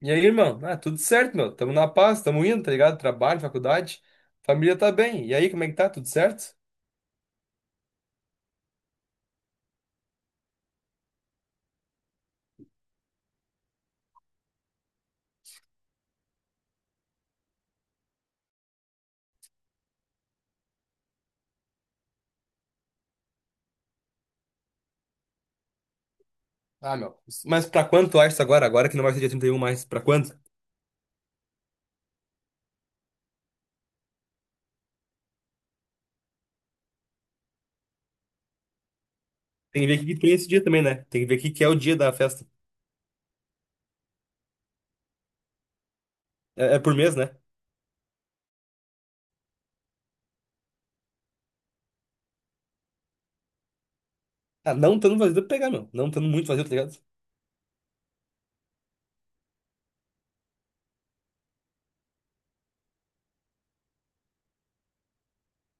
E aí, irmão? Ah, tudo certo, meu. Tamo na paz, tamo indo, tá ligado? Trabalho, faculdade, família tá bem. E aí, como é que tá? Tudo certo? Ah, meu. Mas pra quanto tu acha isso agora? Agora que não vai ser dia 31, mais. Pra quanto? Tem que ver o que que tem esse dia também, né? Tem que ver o que que é o dia da festa. É por mês, né? Ah, não tando vazio, dá pra pegar, meu. Não tando muito vazio, tá ligado?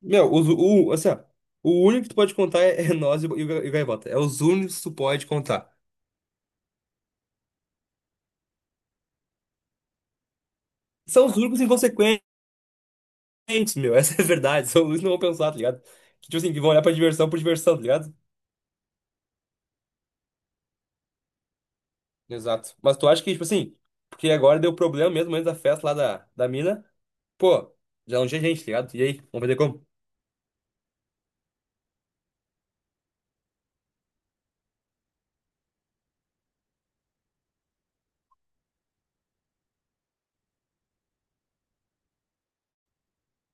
Meu, assim, ó. O único que tu pode contar é nós e o Gaivota. É os únicos que tu pode contar. São os únicos inconsequentes, meu. Essa é a verdade. São os únicos que não vão pensar, tá ligado? Que, tipo assim, que vão olhar pra diversão por diversão, tá ligado? Exato. Mas tu acha que, tipo assim, porque agora deu problema mesmo antes da festa lá da mina. Pô, já não tinha gente, tá ligado? E aí, vamos fazer como?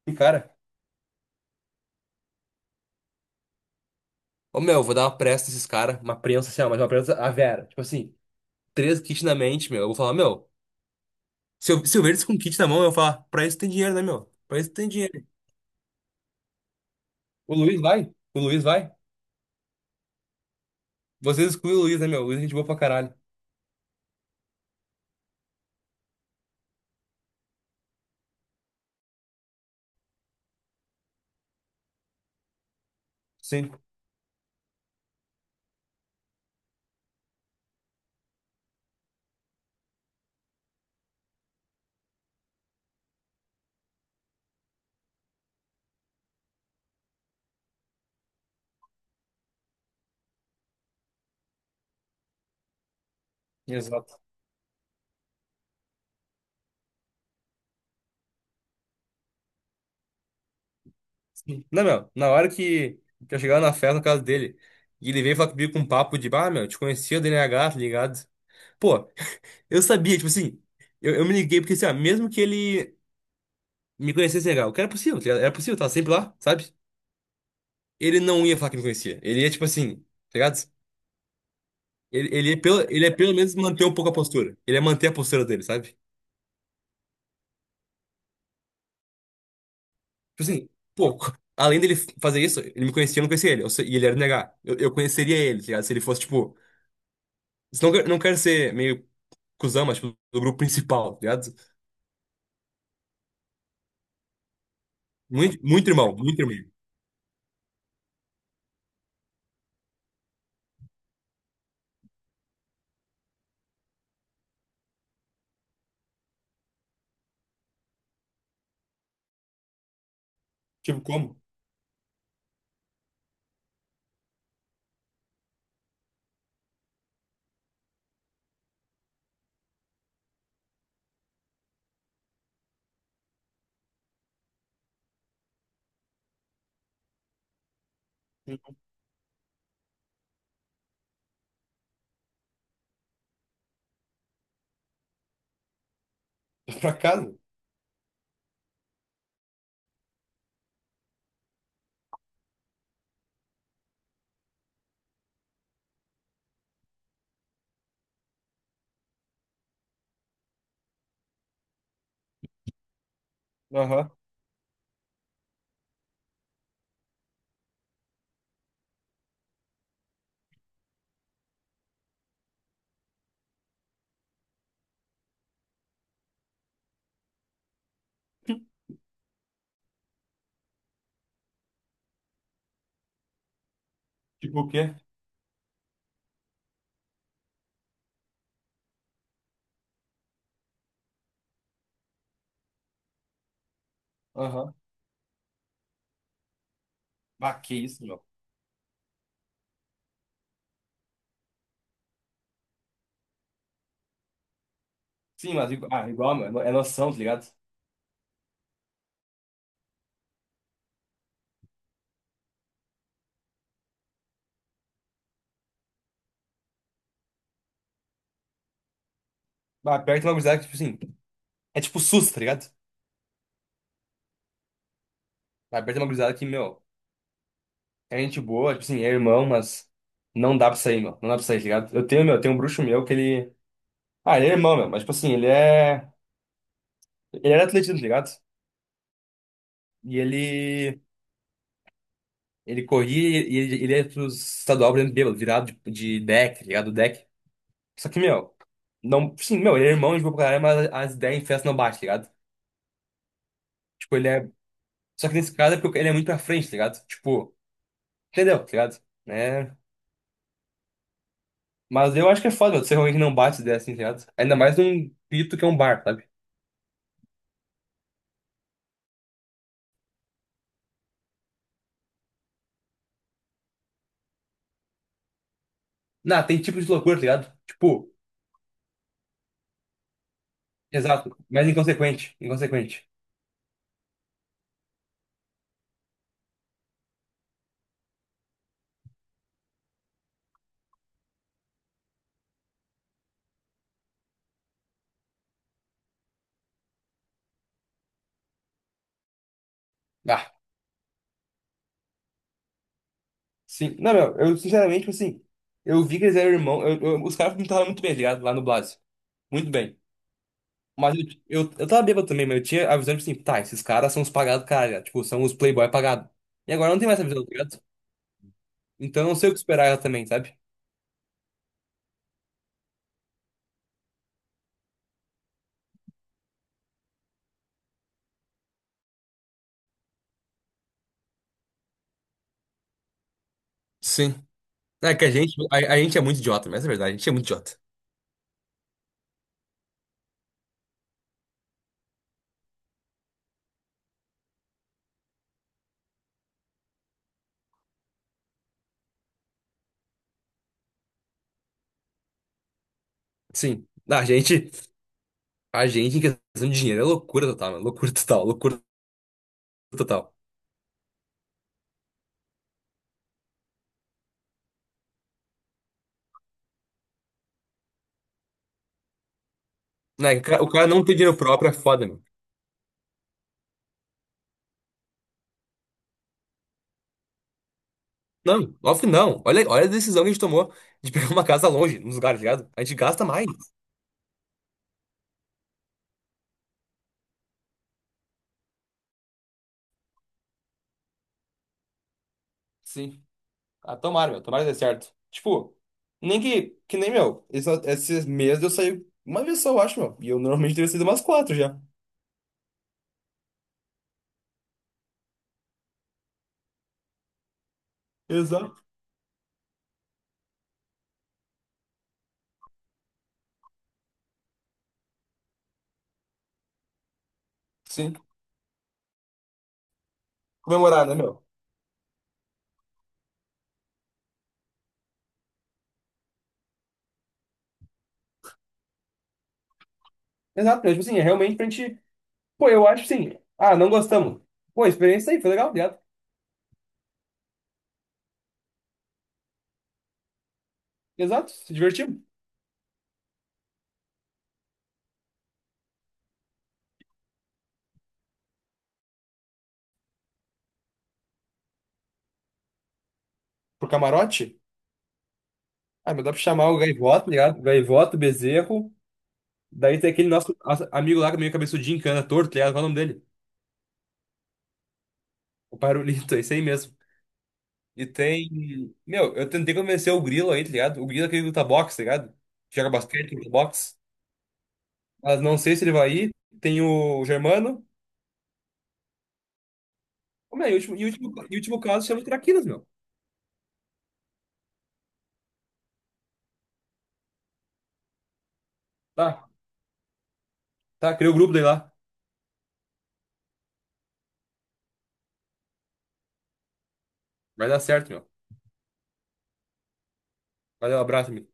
E cara, ô meu, eu vou dar uma pressa nesses caras, uma prensa assim, ó, mas uma prensa a Vera. Tipo assim, três kits na mente, meu. Eu vou falar, meu, se eu ver eles com kit na mão, eu vou falar, pra isso tem dinheiro, né, meu? Pra isso tem dinheiro. O Luiz vai, o Luiz vai. Vocês excluem o Luiz, né, meu? O Luiz é gente boa pra caralho. Sim, exato. Não, meu, na hora que, eu chegar na festa na casa dele. E ele veio falar comigo com um papo de, ah, meu, te conhecia do NH, tá ligado? Pô, eu sabia, tipo assim, eu me liguei porque assim, ó, mesmo que ele me conhecesse legal, que era possível, tá ligado? Era possível, tava sempre lá, sabe? Ele não ia falar que me conhecia. Ele ia, tipo assim, tá ligado? Ele ia pelo menos manter um pouco a postura. Ele ia manter a postura dele, sabe? Tipo assim, pô, além dele fazer isso, ele me conhecia, eu não conhecia ele. E ele era negar. Eu conheceria ele, tá ligado? Se ele fosse, tipo. Não, não quero ser meio cuzão, mas tipo, do grupo principal, tá ligado? Muito, muito irmão, muito irmão. Tipo, como? Pra casa? Aham. Tipo o quê? Aham. Ah, que isso, meu. Sim, mas ah, igual, meu, é noção, tá ligado? Ah, perto de uma gurizada que, tipo assim, é tipo SUS, tá ligado? Ah, perto de uma gurizada que, meu, é gente boa, tipo assim, é irmão, mas não dá pra sair, meu. Não dá pra sair, tá ligado? Eu tenho, meu, tem um bruxo meu que ele. Ah, ele é irmão, meu, mas, tipo assim, ele é. Ele era atletismo, tá ligado? E ele. Ele corria e ele ia pro estadual, por exemplo, bêbado, virado de deck, tá ligado? Deck. Só que, meu, não. Sim, meu, ele é irmão de boa pra caralho, mas as ideias em festa não bate, tá ligado? Tipo, ele é. Só que nesse caso é porque ele é muito pra frente, tá ligado? Tipo, entendeu, tá ligado? Né? Mas eu acho que é foda, mano, ser alguém que não bate se der assim, tá ligado? Ainda mais num pito que é um bar, sabe? Não, tem tipo de loucura, tá ligado? Tipo, exato, mas inconsequente, inconsequente. Ah, sim. Não, meu, eu sinceramente, tipo assim, eu vi que eles eram irmãos, os caras pintaram muito bem, tá ligado? Lá no Blase. Muito bem. Mas eu tava bêbado também, mas eu tinha a visão, tipo assim, tá, esses caras são os pagados, cara, tá ligado? Tipo, são os playboy pagados. E agora não tem mais essa visão, tá ligado? Então eu não sei o que esperar ela também, sabe? Sim. É que a gente é muito idiota, mas é verdade, a gente é muito idiota. Sim, a gente em questão de dinheiro é loucura total, mano. Loucura total, loucura total. Né, o cara não ter dinheiro próprio é foda, meu. Não, óbvio não. Olha, olha a decisão que a gente tomou de pegar uma casa longe, nos lugares, tá ligado? A gente gasta mais. Sim. Ah, tomara, meu. Tomara que dê certo. Tipo, nem que, que nem, meu. Esses meses eu saí uma vez só, eu acho, meu. E eu normalmente teria saído umas quatro já. Exato. Sim. Comemorar, né, meu? Exato, meu. Tipo assim, é realmente pra gente. Pô, eu acho sim. Ah, não gostamos. Pô, a experiência aí, foi legal, ligado? Exato, se divertimos. Pro camarote. Ah, mas dá pra chamar o Gaivoto, ligado? Gaivoto, Bezerro. Daí tem aquele nosso amigo lá que é meio cabeçudinho, que anda torto, tá ligado? Qual é o nome dele? O Parolito, é esse aí mesmo. E tem. Meu, eu tentei convencer o Grilo aí, tá ligado? O Grilo é aquele que luta boxe, tá ligado? Joga basquete, luta boxe. Mas não sei se ele vai ir. Tem o Germano. Como é? E o último, e o último, e o último caso chama o Traquinas, meu. Tá, tá, criou o grupo daí lá. Vai dar certo, meu. Valeu, abraço, amigo.